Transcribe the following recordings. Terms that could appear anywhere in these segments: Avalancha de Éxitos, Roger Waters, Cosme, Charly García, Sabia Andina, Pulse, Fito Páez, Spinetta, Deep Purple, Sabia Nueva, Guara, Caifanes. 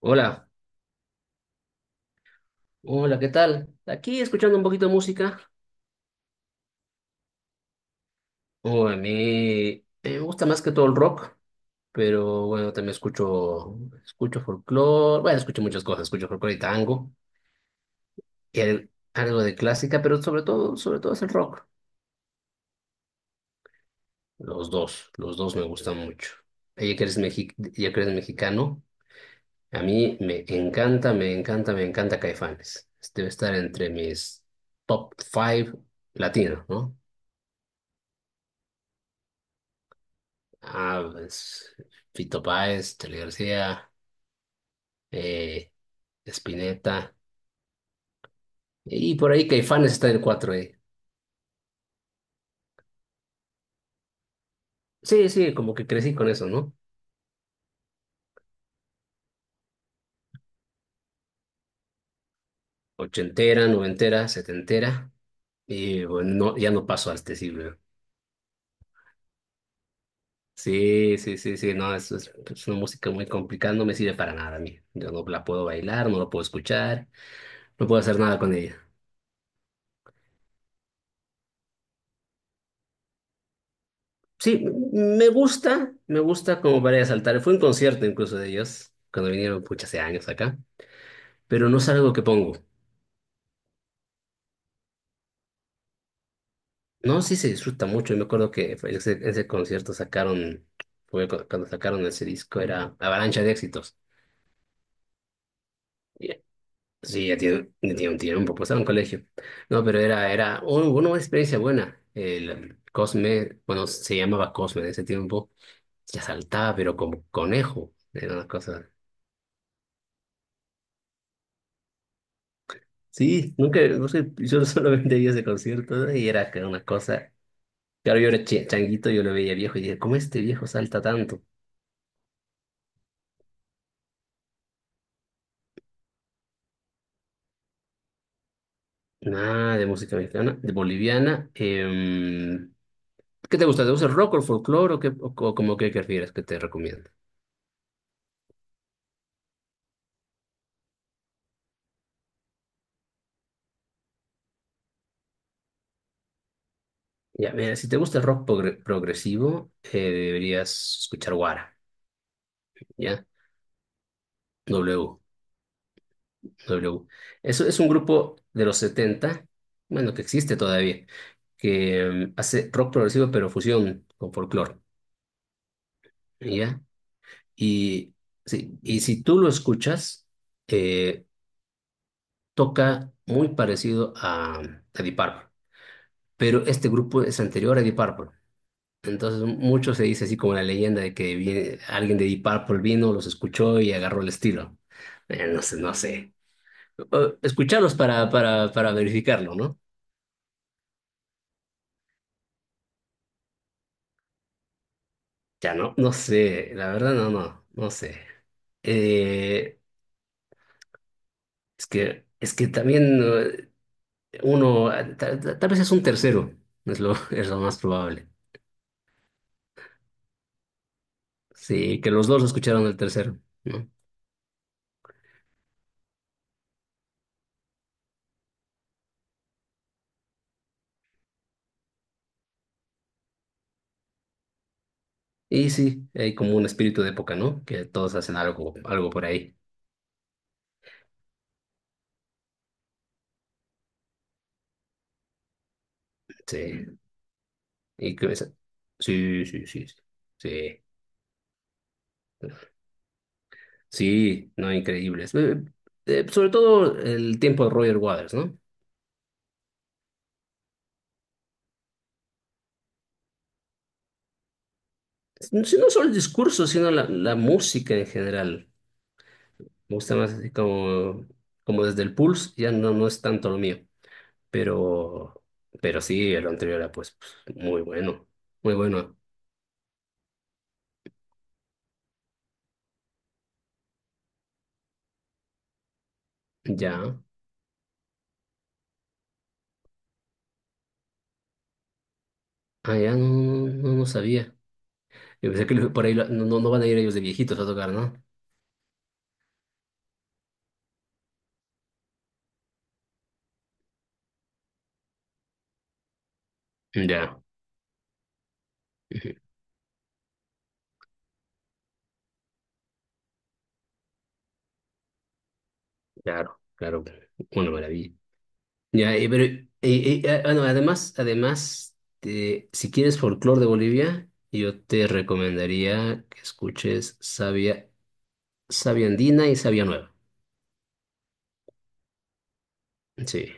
Hola, hola, ¿qué tal? Aquí escuchando un poquito de música. Oh, a mí me gusta más que todo el rock, pero bueno, también escucho, escucho muchas cosas, escucho folclore y tango, y algo de clásica, pero sobre todo es el rock. Los dos me gustan mucho. Ya que eres mexicano, a mí me encanta, me encanta, me encanta Caifanes. Debe estar entre mis top five latinos, ¿no? Ah, pues Fito Páez, Charly García, eh, Spinetta. Y por ahí Caifanes está en el 4. Sí, sí, como que crecí con eso, ¿no? Ochentera, noventera, setentera. Y bueno, no, ya no paso a este siglo. Sí, sí, sí, sí, no, es una música muy complicada, no me sirve para nada a mí. Yo no la puedo bailar, no la puedo escuchar, no puedo hacer nada con ella. Sí, me gusta como para ir a saltar. Fue un concierto incluso de ellos, cuando vinieron, pucha, hace años acá. Pero no es algo que pongo. No, sí se disfruta mucho. Y me acuerdo que fue ese concierto sacaron, fue cuando sacaron ese disco, era Avalancha de Éxitos. Y- Sí, ya tiene un tiempo, pues estaba en colegio. No, pero era una experiencia buena. El Cosme, bueno, se llamaba Cosme en ese tiempo, ya saltaba, pero como conejo. Era una cosa. Sí, nunca, no sé, yo solamente vi ese concierto, ¿no? Y era que una cosa. Claro, yo era changuito, yo lo veía viejo y dije, ¿cómo este viejo salta tanto? Nada de música mexicana, de boliviana. ¿Qué te gusta? ¿Te gusta el rock o el folclore o, qué, o, como que prefieres que te recomiendo? Ya, mira, si te gusta el rock progresivo, deberías escuchar Guara, ¿ya? W, W. Eso es un grupo de los 70, bueno, que existe todavía, que hace rock progresivo pero fusión con folclore, ¿ya? Y sí, y si tú lo escuchas, eh, toca muy parecido a, Deep Purple. Pero este grupo es anterior a Deep Purple. Entonces, mucho se dice así como la leyenda de que alguien de Deep Purple vino, los escuchó y agarró el estilo. No sé, no sé. Escucharlos para, para verificarlo, ¿no? Ya no, no sé, la verdad no sé. Eh, es que también uno, tal vez es un tercero, es lo, es lo más probable. Sí, que los dos escucharon el tercero, ¿no? Y sí, hay como un espíritu de época, ¿no? Que todos hacen algo, algo por ahí. Sí. Y que esa- sí, sí, sí, sí. Sí, sí, no, increíbles. Sobre todo el tiempo de Roger Waters, ¿no? Si no solo el discurso, sino la música en general. Me gusta más así como desde el Pulse, ya no, no es tanto lo mío. Pero, pero sí, el anterior era pues, muy bueno. Muy bueno. Ya. Ah, ya no sabía. Yo pensé que por ahí no van a ir ellos de viejitos a tocar, ¿no? Ya, ujú, claro, claro, una maravilla. Ya, pero, bueno, además, si quieres folclore de Bolivia, yo te recomendaría que escuches Sabia, Sabia Andina y Sabia Nueva. Sí,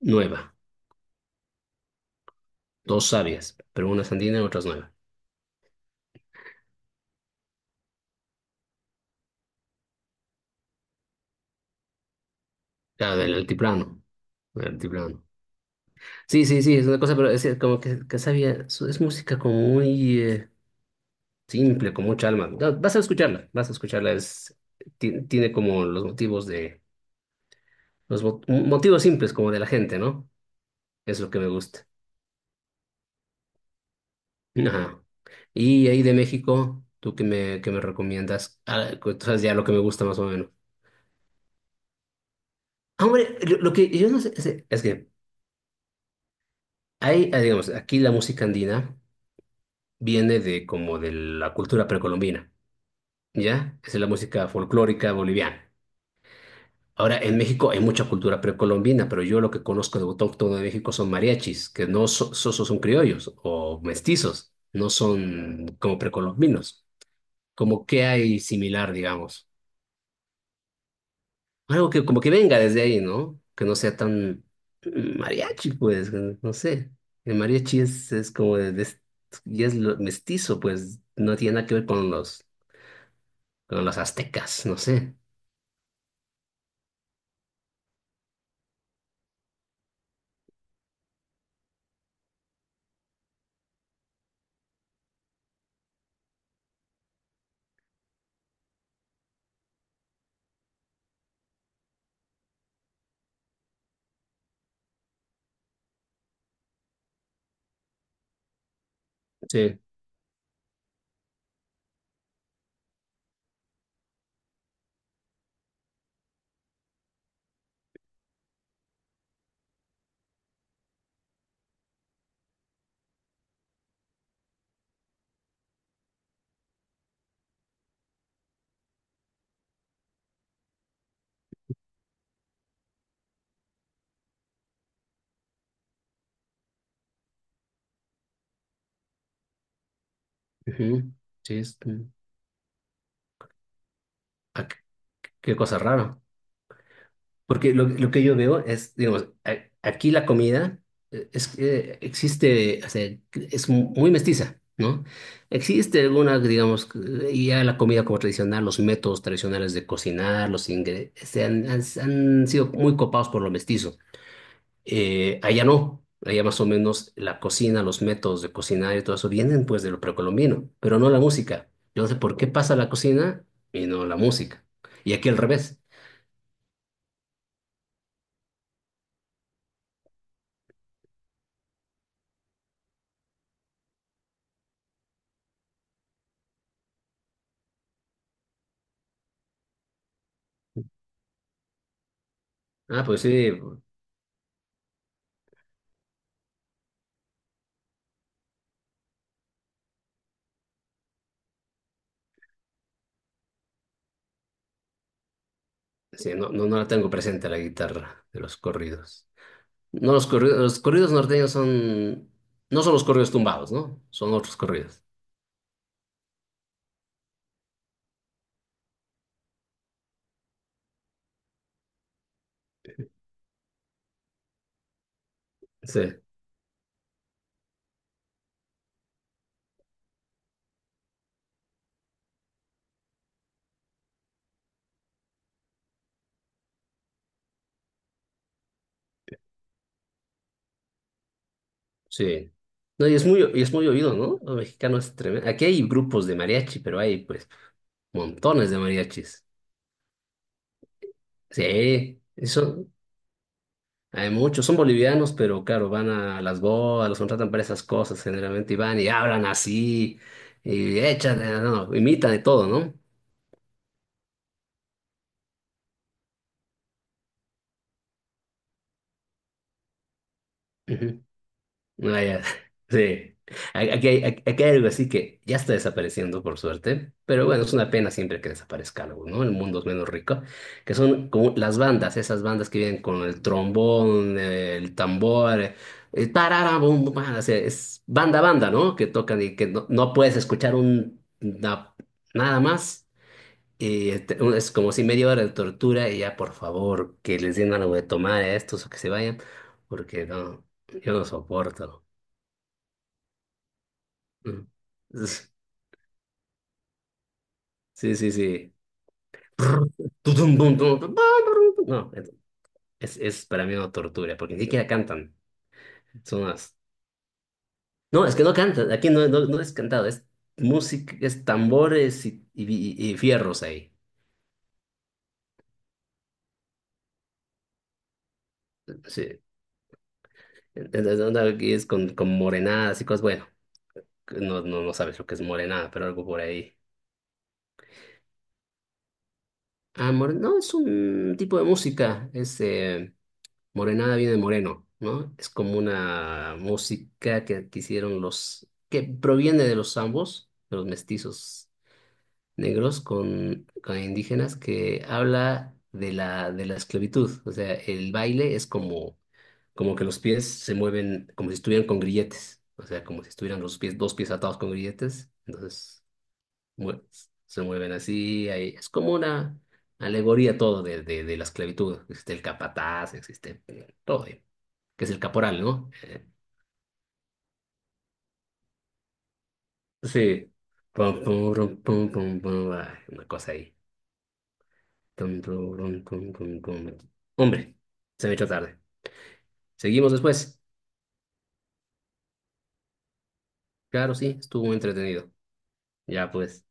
nueva, dos sabias, pero una es andina y otra es nueva. Claro, del altiplano, del altiplano. Sí, sí, sí, es una cosa, pero es como que, sabia, es música como muy simple, con mucha alma. Ya, vas a escucharla, vas a escucharla. Tiene como los motivos de, los motivos simples como de la gente, ¿no? Es lo que me gusta. Ajá. Y ahí de México, ¿tú qué me recomiendas? Ah, tú sabes ya lo que me gusta más o menos. Ah, hombre, lo que yo no sé es que hay, digamos, aquí la música andina viene de como de la cultura precolombina, ¿ya? Es la música folclórica boliviana. Ahora, en México hay mucha cultura precolombina, pero yo lo que conozco de autóctono de México son mariachis, que no son criollos o mestizos, no son como precolombinos. Como que hay similar, digamos. Algo que como que venga desde ahí, ¿no? Que no sea tan mariachi, pues, que no sé. El mariachi es como mestizo, pues, no tiene nada que ver con con los aztecas, no sé. Sí. Ujú. Sí, ah, qué qué cosa rara. Porque lo que yo veo es, digamos, aquí la comida es que existe, o sea, es muy mestiza, ¿no? Existe algunas, digamos, y ya la comida como tradicional, los métodos tradicionales de cocinar, los ingredientes, se han sido muy copados por lo mestizo. Allá no, allá más o menos la cocina, los métodos de cocinar y todo eso vienen pues de lo precolombino, pero no la música. Yo no sé por qué pasa la cocina y no la música. Y aquí al revés. Ah, pues sí. Sí, no la tengo presente la guitarra de los corridos. No, los corridos, norteños son, no son los corridos tumbados, ¿no? Son otros corridos. Sí, sí. No, y es muy oído, ¿no? Lo mexicano es tremendo. Aquí hay grupos de mariachi, pero hay pues montones de mariachis. Sí, eso, hay muchos. Son bolivianos, pero claro, van a las bodas, los contratan para esas cosas generalmente y van y hablan así, y echan, no, imitan de todo, ¿no? Ujú. No, ya, sí. Aquí hay algo así que ya está desapareciendo, por suerte, pero bueno, es una pena siempre que desaparezca algo, ¿no? El mundo es menos rico, que son como las bandas, esas bandas que vienen con el trombón, el tambor, el tarara, bum, bum, bam, o sea, es banda, banda, ¿no? Que tocan y que no puedes escuchar un, nada más. Y este, es como si media hora de tortura y ya, por favor, que les den algo de tomar a estos o que se vayan, porque no, yo no soporto. Mm. Sí, sí, sí. Tutum, tum, tum, tum, pa, ru, tum. No, es para mí una tortura, porque ni siquiera cantan. Son unas. No, es que no cantan, aquí no es cantado, es música, es tambores y, y fierros ahí. Sí. Entonces, onda aquí es con, morenadas y cosas, bueno, no sabes lo que es morenada, pero algo por ahí. Ah, no, es un tipo de música, Morenada viene de moreno, ¿no? Es como una música que hicieron que proviene de los zambos, de los mestizos negros con indígenas, que habla de la esclavitud. O sea, el baile es como que los pies se mueven como si estuvieran con grilletes. O sea, como si estuvieran los pies, dos pies atados con grilletes. Entonces, mue- se mueven así. Es como una alegoría todo de la esclavitud. Existe el capataz, existe todo que es el caporal, ¿no? Sí. Pum, pum, rum, pum, pum, pum, ah, una cosa ahí. Tum, tum, rum, tum, tum, tum. Hombre, se me echó tarde. Seguimos después. Claro, sí, estuvo entretenido. Ya pues.